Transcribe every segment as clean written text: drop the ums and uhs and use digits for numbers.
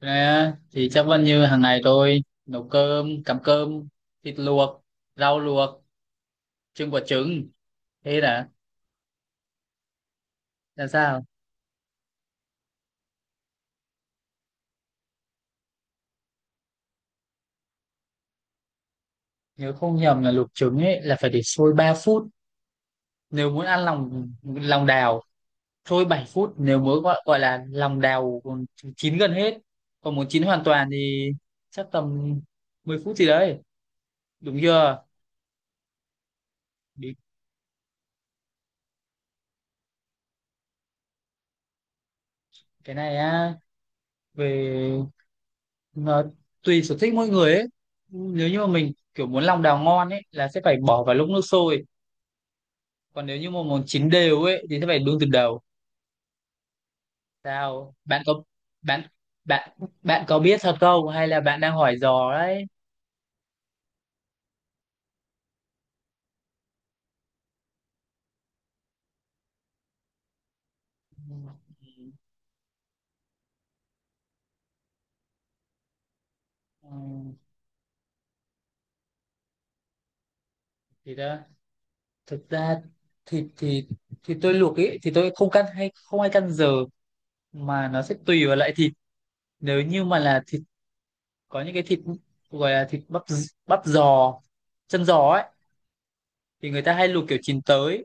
Rồi thì chắc vẫn như hàng ngày tôi nấu cơm, cắm cơm, thịt luộc, rau luộc, trưng quả trứng. Thế đã, là sao? Nếu không nhầm là luộc trứng ấy là phải để sôi 3 phút. Nếu muốn ăn lòng lòng đào, sôi 7 phút. Nếu muốn gọi là lòng đào còn chín gần hết. Còn muốn chín hoàn toàn thì chắc tầm 10 phút gì đấy. Đúng chưa? Bí- Cái này á, về Ờ, tùy sở thích mỗi người ấy, nếu như mà mình kiểu muốn lòng đào ngon ấy là sẽ phải bỏ vào lúc nước sôi, còn nếu như mà muốn chín đều ấy thì sẽ phải đun từ đầu. Sao bạn có bạn bạn bạn có biết thật không hay là bạn đang hỏi dò đấy? Ừ, thì đó, thực ra thịt thì tôi luộc ấy thì tôi không căn hay không hay căn giờ, mà nó sẽ tùy vào loại thịt. Nếu như mà là thịt, có những cái thịt gọi là thịt bắp, bắp giò, chân giò ấy thì người ta hay luộc kiểu chín tới.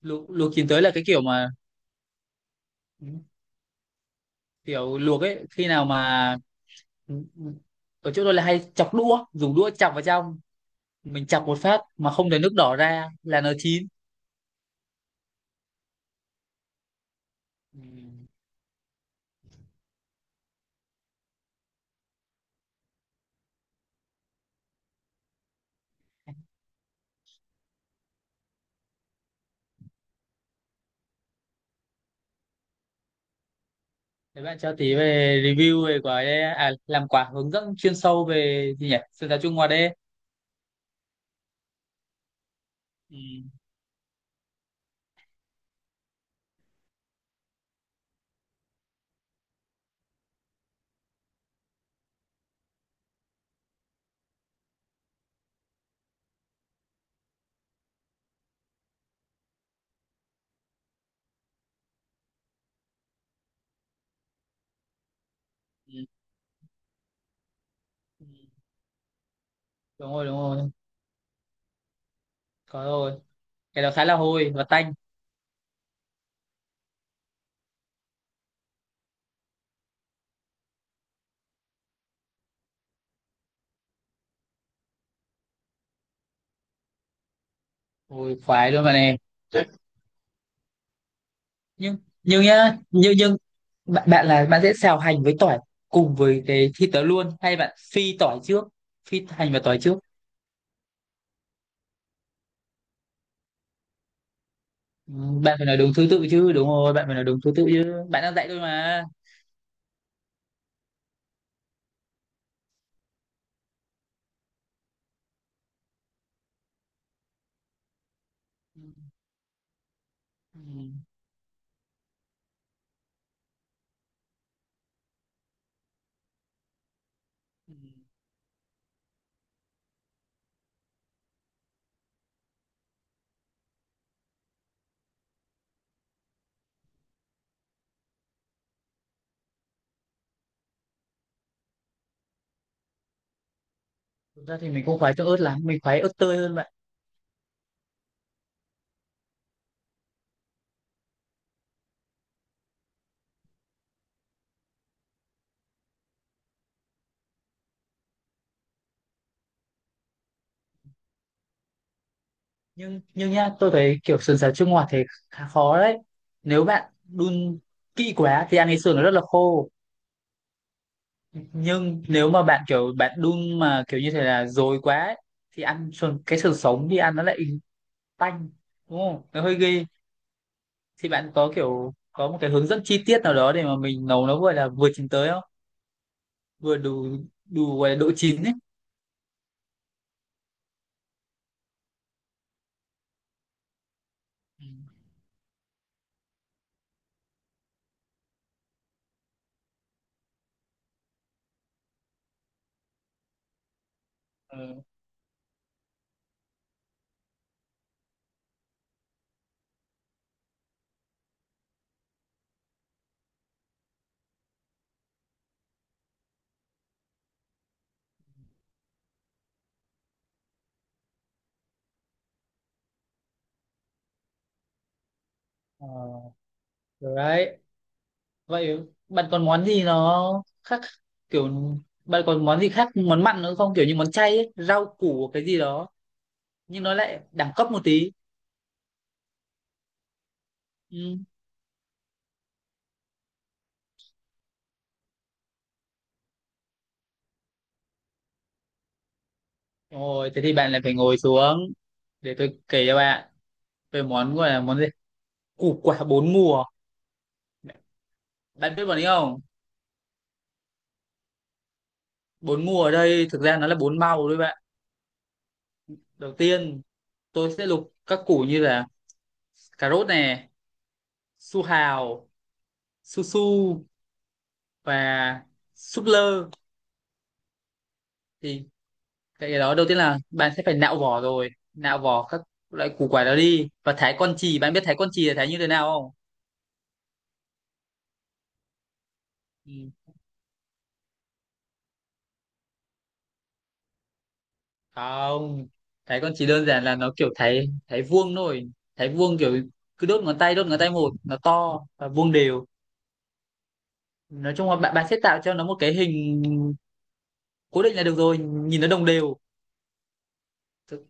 Luộc luộc chín tới là cái kiểu mà kiểu luộc ấy, khi nào mà ở chỗ tôi là hay chọc đũa, dùng đũa chọc vào trong, mình chọc một phát mà không để nước đỏ ra là nó chín. Ừ. Thế bạn cho tí về review về quả đê à, làm quả hướng dẫn chuyên sâu về gì nhỉ, sườn giáo Trung Hoa đê. Ừ. Ừ, ừ. Đúng rồi, đúng rồi, có rồi, cái đó khá là hôi và tanh. Hôi khoái luôn bạn này. Nhưng nhưng nhá nhưng nhưng bạn là bạn sẽ xào hành với tỏi cùng với cái thịt đó luôn hay bạn phi tỏi trước, phi hành và tỏi trước? Ừ, bạn phải nói đúng thứ tự chứ, đúng rồi, bạn phải nói đúng thứ tự chứ, bạn đang dạy tôi mà. Ừ, ừ, ừ. Thực ra thì mình không khoái cho ớt lắm, mình khoái ớt tươi hơn bạn. Nhưng nhá, tôi thấy kiểu sườn xào chua ngọt thì khá khó đấy. Nếu bạn đun kỹ quá thì ăn cái sườn nó rất là khô, nhưng nếu mà bạn kiểu bạn đun mà kiểu như thế là dồi quá ấy, thì ăn cái sự sống đi ăn nó lại tanh, đúng không, nó hơi ghê. Thì bạn có kiểu có một cái hướng dẫn chi tiết nào đó để mà mình nấu nó gọi là vừa chín tới không, vừa đủ, đủ gọi là độ chín ấy? Ừ. Ờ, được đấy. Vậy bạn còn món gì nó khác kiểu, bạn còn món gì khác, món mặn nữa không, kiểu như món chay ấy, rau củ cái gì đó, nhưng nó lại đẳng cấp một tí? Ừ. Rồi, thế thì bạn lại phải ngồi xuống để tôi kể cho bạn về món gọi là món gì? Củ quả bốn mùa. Bạn biết bọn ấy không? Bốn mùa ở đây thực ra nó là bốn màu đấy bạn. Đầu tiên tôi sẽ lục các củ như là cà rốt này, su hào, su su và súp lơ. Thì cái đó, đầu tiên là bạn sẽ phải nạo vỏ rồi, nạo vỏ các loại củ quả đó đi và thái con chì. Bạn biết thái con chì là thái như thế nào không? Ừ. Không, thấy con chỉ đơn giản là nó kiểu thấy thấy vuông thôi, thấy vuông kiểu cứ đốt ngón tay, đốt ngón tay một, nó to và vuông đều. Nói chung là bạn bạn sẽ tạo cho nó một cái hình cố định là được rồi, nhìn nó đồng đều. Thực-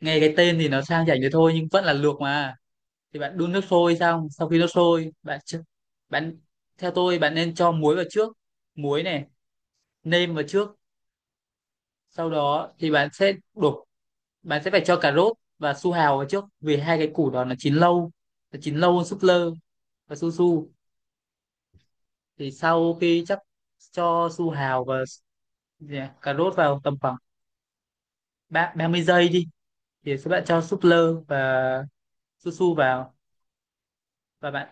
Nghe cái tên thì nó sang chảnh thế thôi nhưng vẫn là luộc mà. Thì bạn đun nước sôi, xong sau khi nước sôi bạn ch- bạn theo tôi bạn nên cho muối vào trước, muối này, nêm vào trước. Sau đó thì bạn sẽ đổ, bạn sẽ phải cho cà rốt và su hào vào trước vì hai cái củ đó nó chín lâu, nó chín lâu hơn súp lơ và su su. Thì sau khi chắc cho su hào và, dạ, cà rốt vào tầm khoảng 30 giây đi, thì sẽ bạn cho súp lơ và su su vào. Và bạn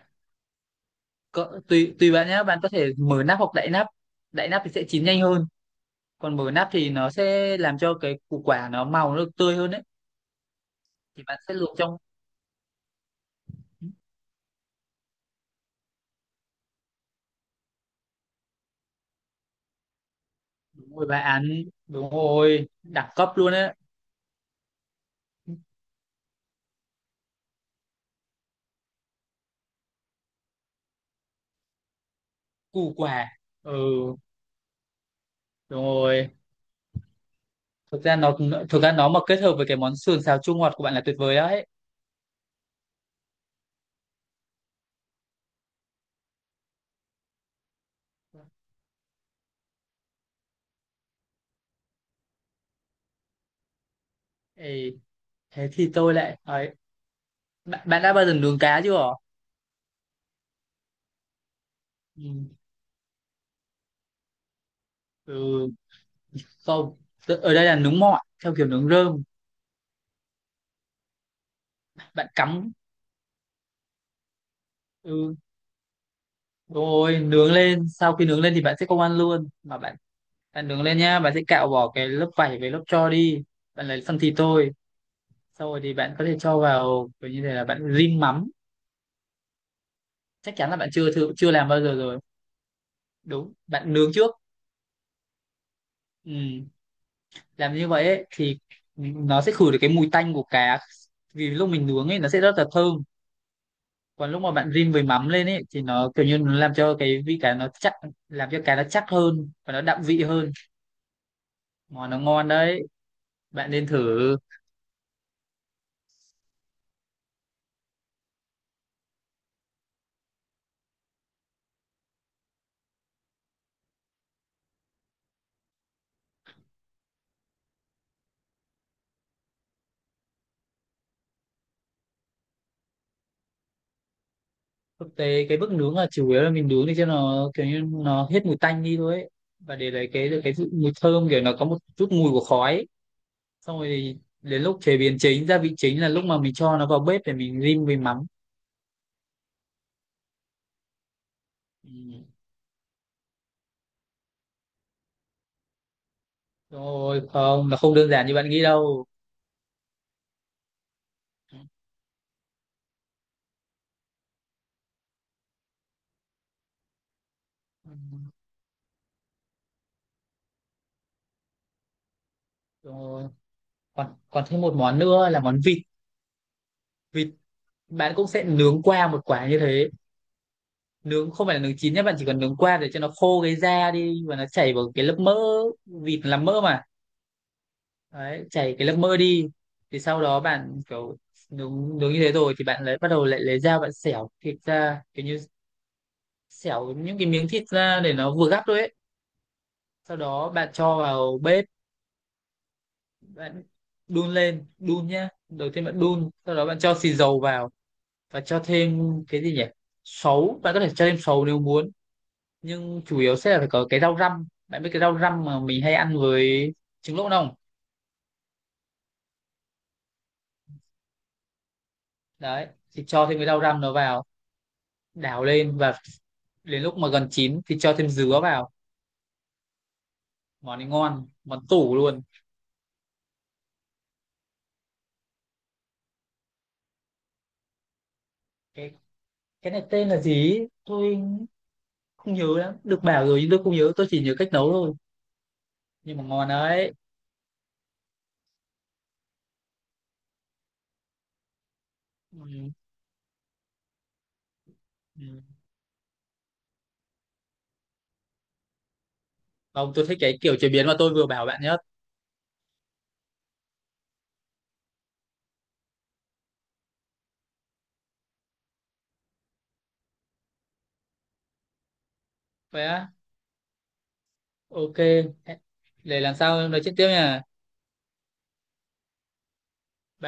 cỡ, tùy tùy bạn nhé, bạn có thể mở nắp hoặc đậy nắp, đậy nắp thì sẽ chín nhanh hơn, còn mở nắp thì nó sẽ làm cho cái củ quả nó màu nó được tươi hơn đấy. Thì bạn sẽ luộc trong, đúng rồi bà án, đúng rồi đẳng cấp luôn đấy, củ quả. Ừ, đúng rồi. Thực ra nó thực ra nó mà kết hợp với cái món sườn xào chua ngọt của bạn là tuyệt vời đấy. Ê, thế thì tôi lại ấy, bạn đã bao giờ nướng cá chưa? Ừ, ừ. Không. Ở đây là nướng mọi theo kiểu nướng rơm. Bạn cắm, ừ, đúng rồi, nướng lên, sau khi nướng lên thì bạn sẽ không ăn luôn mà bạn bạn nướng lên nhá, bạn sẽ cạo bỏ cái lớp vảy với lớp tro đi, bạn lấy phần thịt thôi. Sau rồi thì bạn có thể cho vào kiểu như thế là bạn rim mắm. Chắc chắn là bạn chưa thử, chưa làm bao giờ rồi. Đúng, bạn nướng trước. Ừ. Làm như vậy ấy, thì nó sẽ khử được cái mùi tanh của cá, vì lúc mình nướng ấy nó sẽ rất là thơm. Còn lúc mà bạn rim với mắm lên ấy thì nó kiểu như nó làm cho cái vị cá nó chắc, làm cho cá nó chắc hơn và nó đậm vị hơn. Món nó ngon đấy, bạn nên thử. Thực tế cái bước nướng là chủ yếu là mình nướng để cho nó kiểu như nó hết mùi tanh đi thôi ấy, và để lấy cái mùi thơm kiểu nó có một chút mùi của khói ấy. Xong rồi thì đến lúc chế biến chính, gia vị chính là lúc mà mình cho nó vào bếp để mình rim với mắm. Ừ. Rồi không, nó không đơn giản như bạn nghĩ đâu. Ừ. Rồi, còn còn thêm một món nữa là món vịt. Vịt bạn cũng sẽ nướng qua một quả như thế. Nướng không phải là nướng chín nhé, bạn chỉ cần nướng qua để cho nó khô cái da đi và nó chảy vào cái lớp mỡ, vịt là mỡ mà. Đấy, chảy cái lớp mỡ đi. Thì sau đó bạn kiểu nướng nướng như thế rồi thì bạn lại bắt đầu lại lấy dao, bạn xẻo thịt ra, kiểu như xẻo những cái miếng thịt ra để nó vừa gắp thôi ấy. Sau đó bạn cho vào bếp, bạn đun lên, đun nhá, đầu tiên bạn đun sau đó bạn cho xì dầu vào, và cho thêm cái gì nhỉ, sấu, bạn có thể cho thêm sấu nếu muốn, nhưng chủ yếu sẽ là phải có cái rau răm. Bạn biết cái rau răm mà mình hay ăn với trứng lỗ không? Đấy, thì cho thêm cái rau răm nó vào, đảo lên, và đến lúc mà gần chín thì cho thêm dứa vào. Món này ngon, món tủ luôn. Cái cái này tên là gì tôi không nhớ lắm, được bảo rồi nhưng tôi không nhớ, tôi chỉ nhớ cách nấu thôi, nhưng mà ngon đấy. Ừ. Ừ. Không, tôi thích cái kiểu chế biến mà tôi vừa bảo bạn nhất. Vậy á, ok. Để làm sao nói chuyện tiếp nha. Bye.